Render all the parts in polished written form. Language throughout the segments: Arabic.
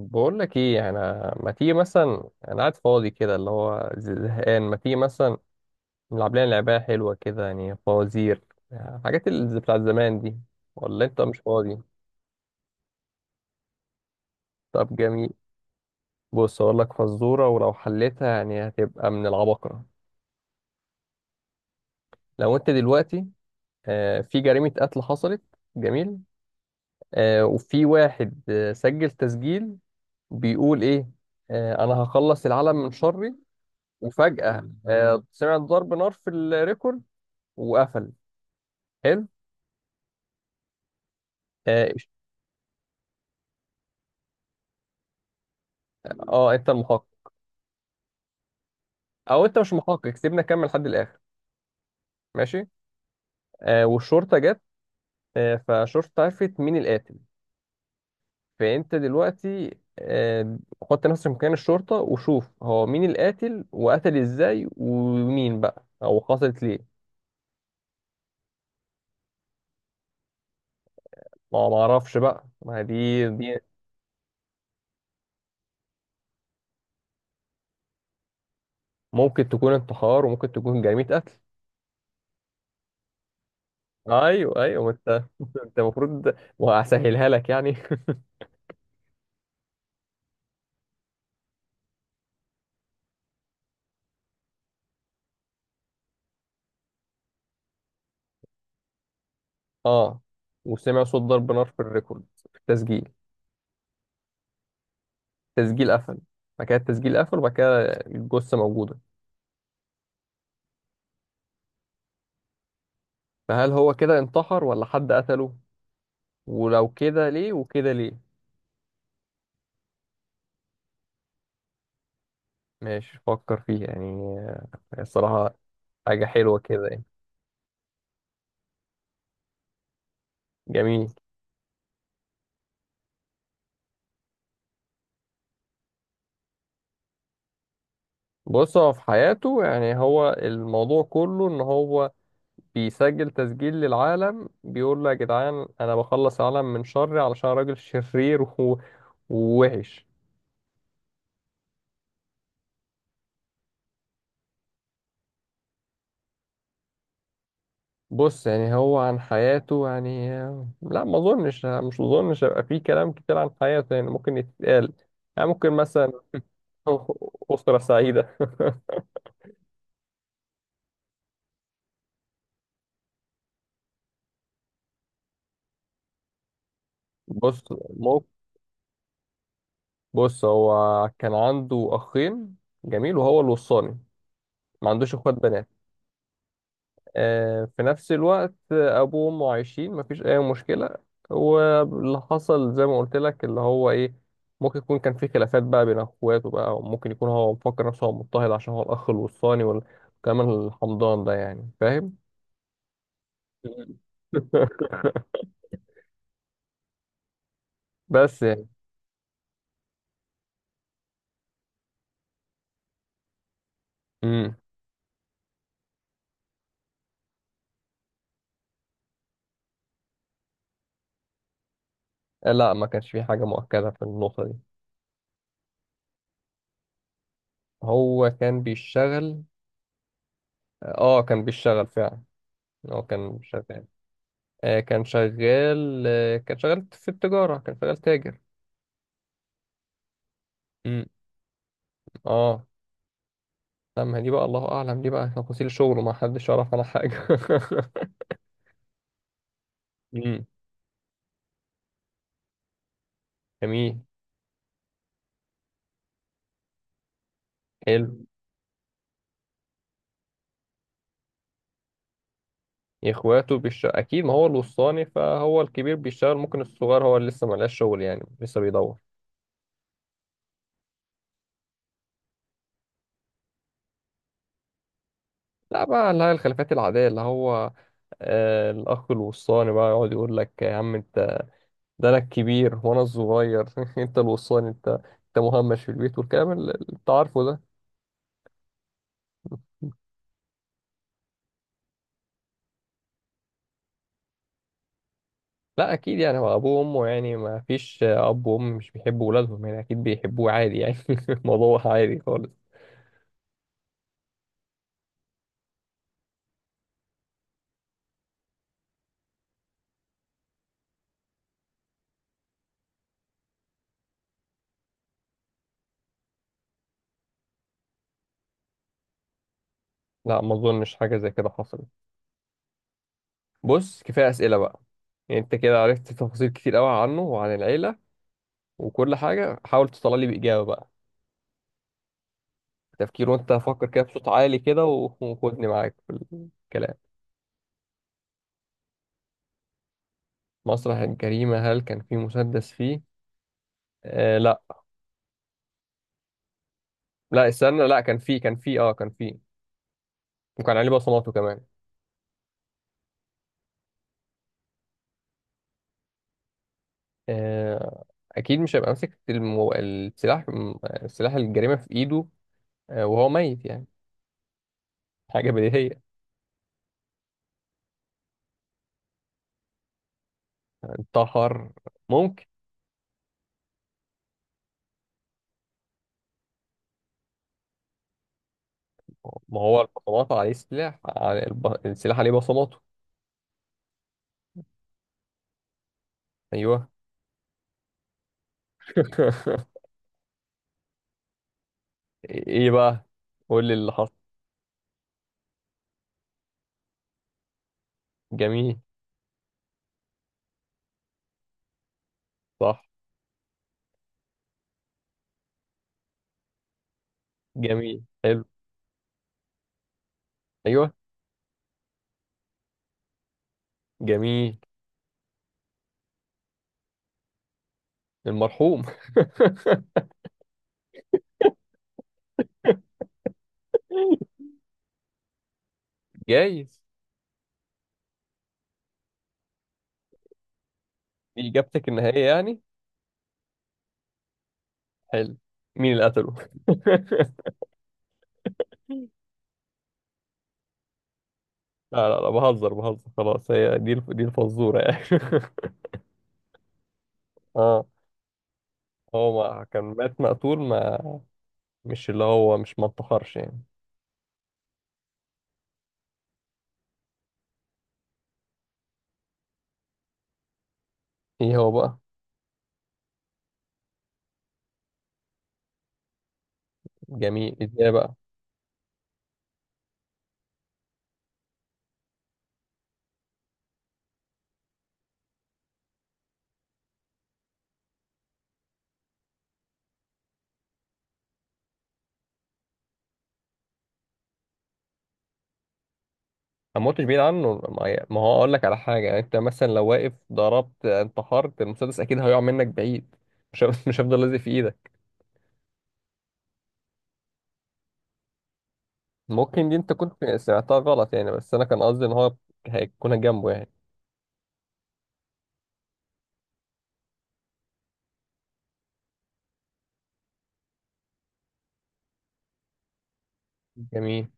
بقول لك ايه، انا ما تيجي مثلا، انا قاعد فاضي كده اللي هو زهقان. ما تيجي مثلا نلعب لنا لعبه حلوه كده، يعني فوازير، يعني الحاجات اللي بتاعت زمان دي. ولا انت مش فاضي؟ طب جميل. بص اقول لك فزوره، ولو حليتها يعني هتبقى من العباقره. لو انت دلوقتي في جريمه قتل حصلت. جميل. وفي واحد سجل تسجيل، بيقول ايه؟ انا هخلص العالم من شري. وفجاه سمعت ضرب نار في الريكورد وقفل. حلو. اه انت المحقق. او انت مش المحقق، سيبنا نكمل لحد الاخر. ماشي. والشرطه جت. فالشرطه عرفت مين القاتل. فانت دلوقتي حط نفسك مكان الشرطه وشوف هو مين القاتل، وقتل ازاي، ومين بقى او حصلت ليه. ما اعرفش بقى، ما هي دي ممكن تكون انتحار وممكن تكون جريمه قتل. ايوه، ايوه، ما انت انت المفروض، وهسهلها لك يعني. اه. وسمع صوت ضرب نار في الريكورد، في التسجيل. تسجيل قفل. بعد كده التسجيل قفل، وبعد كده الجثة موجودة. فهل هو كده انتحر ولا حد قتله؟ ولو كده ليه، وكده ليه؟ ماشي، فكر فيها يعني. آه، الصراحة حاجة حلوة كده يعني. جميل. بص، هو في حياته يعني، هو الموضوع كله ان هو بيسجل تسجيل للعالم بيقول له يا جدعان، انا بخلص العالم من شري علشان راجل شرير ووحش. بص يعني هو عن حياته يعني، لا ما اظنش، مش اظنش هيبقى فيه كلام كتير عن حياته، يعني ممكن يتقال، يعني ممكن مثلا. أسرة سعيدة. بص مو بص هو كان عنده أخين. جميل، وهو الوصاني. ما عندوش إخوات بنات. في نفس الوقت ابوه وامه عايشين، مفيش اي مشكله. واللي حصل زي ما قلت لك اللي هو ايه، ممكن يكون كان في خلافات بقى بين اخواته بقى، وممكن يكون هو مفكر نفسه هو مضطهد عشان هو الاخ الوصاني وكمان الحمضان ده، يعني فاهم. مم. بس يعني. امم لا ما كانش في حاجه مؤكده في النقطه دي. هو كان بيشتغل. اه كان بيشتغل فعلا. هو كان شغال. كان شغال كان شغال في التجاره، كان شغال تاجر. امم. اه. لا، ما هي دي بقى الله اعلم، دي بقى تفاصيل شغله ما حدش يعرف عنها حاجه. امم جميل. حلو. اخواته بيشتغل اكيد، ما هو الوسطاني، فهو الكبير بيشتغل، ممكن الصغير هو اللي لسه ملقاش شغل، يعني لسه بيدور. لا بقى، اللي هي الخلافات العاديه، اللي هو الاخ الوسطاني بقى يقعد يقول لك يا عم، انت ده انا الكبير وانا الصغير، انت الوسطاني، انت مهمش في البيت، والكلام اللي انت عارفه ده. لا اكيد يعني هو ابوه وامه يعني، ما فيش اب وام مش بيحبوا ولادهم، يعني اكيد بيحبوه عادي يعني. الموضوع عادي خالص. لا، ما اظنش حاجه زي كده حصلت. بص كفايه اسئله بقى، يعني انت كده عرفت تفاصيل كتير قوي عنه وعن العيله وكل حاجه. حاول تطلع لي باجابه بقى، تفكير، وانت فكر كده بصوت عالي كده وخدني معاك في الكلام. مسرح الجريمه، هل كان في مسدس فيه؟ آه لا. لا استنى، لا كان فيه، كان فيه، اه كان فيه، وكان عليه بصماته كمان. آه، اكيد مش هيبقى ماسك السلاح. السلاح الجريمه في ايده وهو ميت يعني. حاجه بديهيه. انتحر، ممكن. ما هو البصمات عليه سلاح، على السلاح عليه بصماته. ايوه. ايه بقى؟ قول لي اللي حصل. جميل. صح. جميل حلو. ايوه. جميل. المرحوم. جايز. دي اجابتك النهائيه يعني؟ حلو. مين اللي قتله؟ لا، لا، لا، بهزر بهزر، خلاص، هي دي دي الفزورة يعني. اه. هو ما كان مات مقتول، ما مش اللي هو، مش ما انتحرش يعني. ايه هو بقى؟ جميل، ازاي بقى؟ ما موتش بعيد عنه، ما هو اقول لك على حاجة يعني، انت مثلا لو واقف ضربت انتحرت، المسدس اكيد هيقع منك بعيد، مش هف- مش هيفضل لازق في ايدك. ممكن دي انت كنت سمعتها غلط يعني، بس انا كان قصدي ان هو هيكون جنبه يعني. جميل.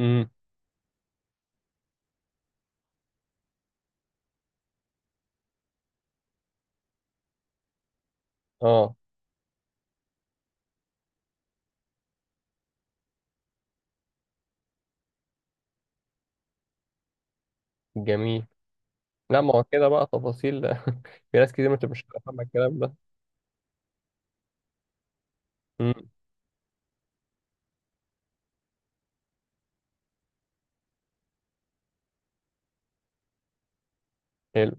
امم اه. جميل. لا، ما هو كده بقى تفاصيل، في ناس كتير مش فاهمة الكلام ده. مم. حلو.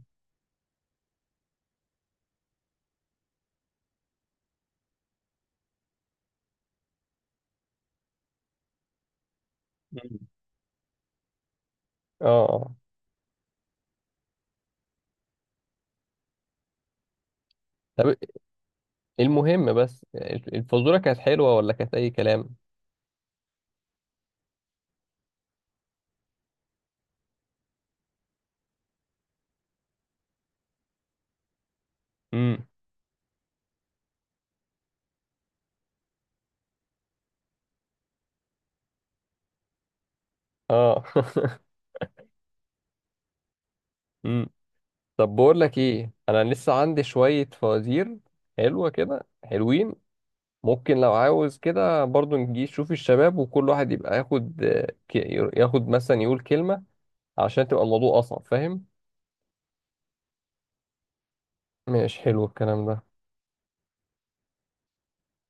مم. اه. طب المهم بس، الفزورة كانت حلوة ولا كانت أي كلام؟ امم. اه. امم طب بقول لك ايه، انا لسه عندي شوية فوازير حلوة كده، حلوين. ممكن لو عاوز كده برضو نجي نشوف الشباب، وكل واحد يبقى ياخد ياخد مثلا يقول كلمة، عشان تبقى الموضوع أصعب، فاهم؟ ماشي، حلو الكلام ده.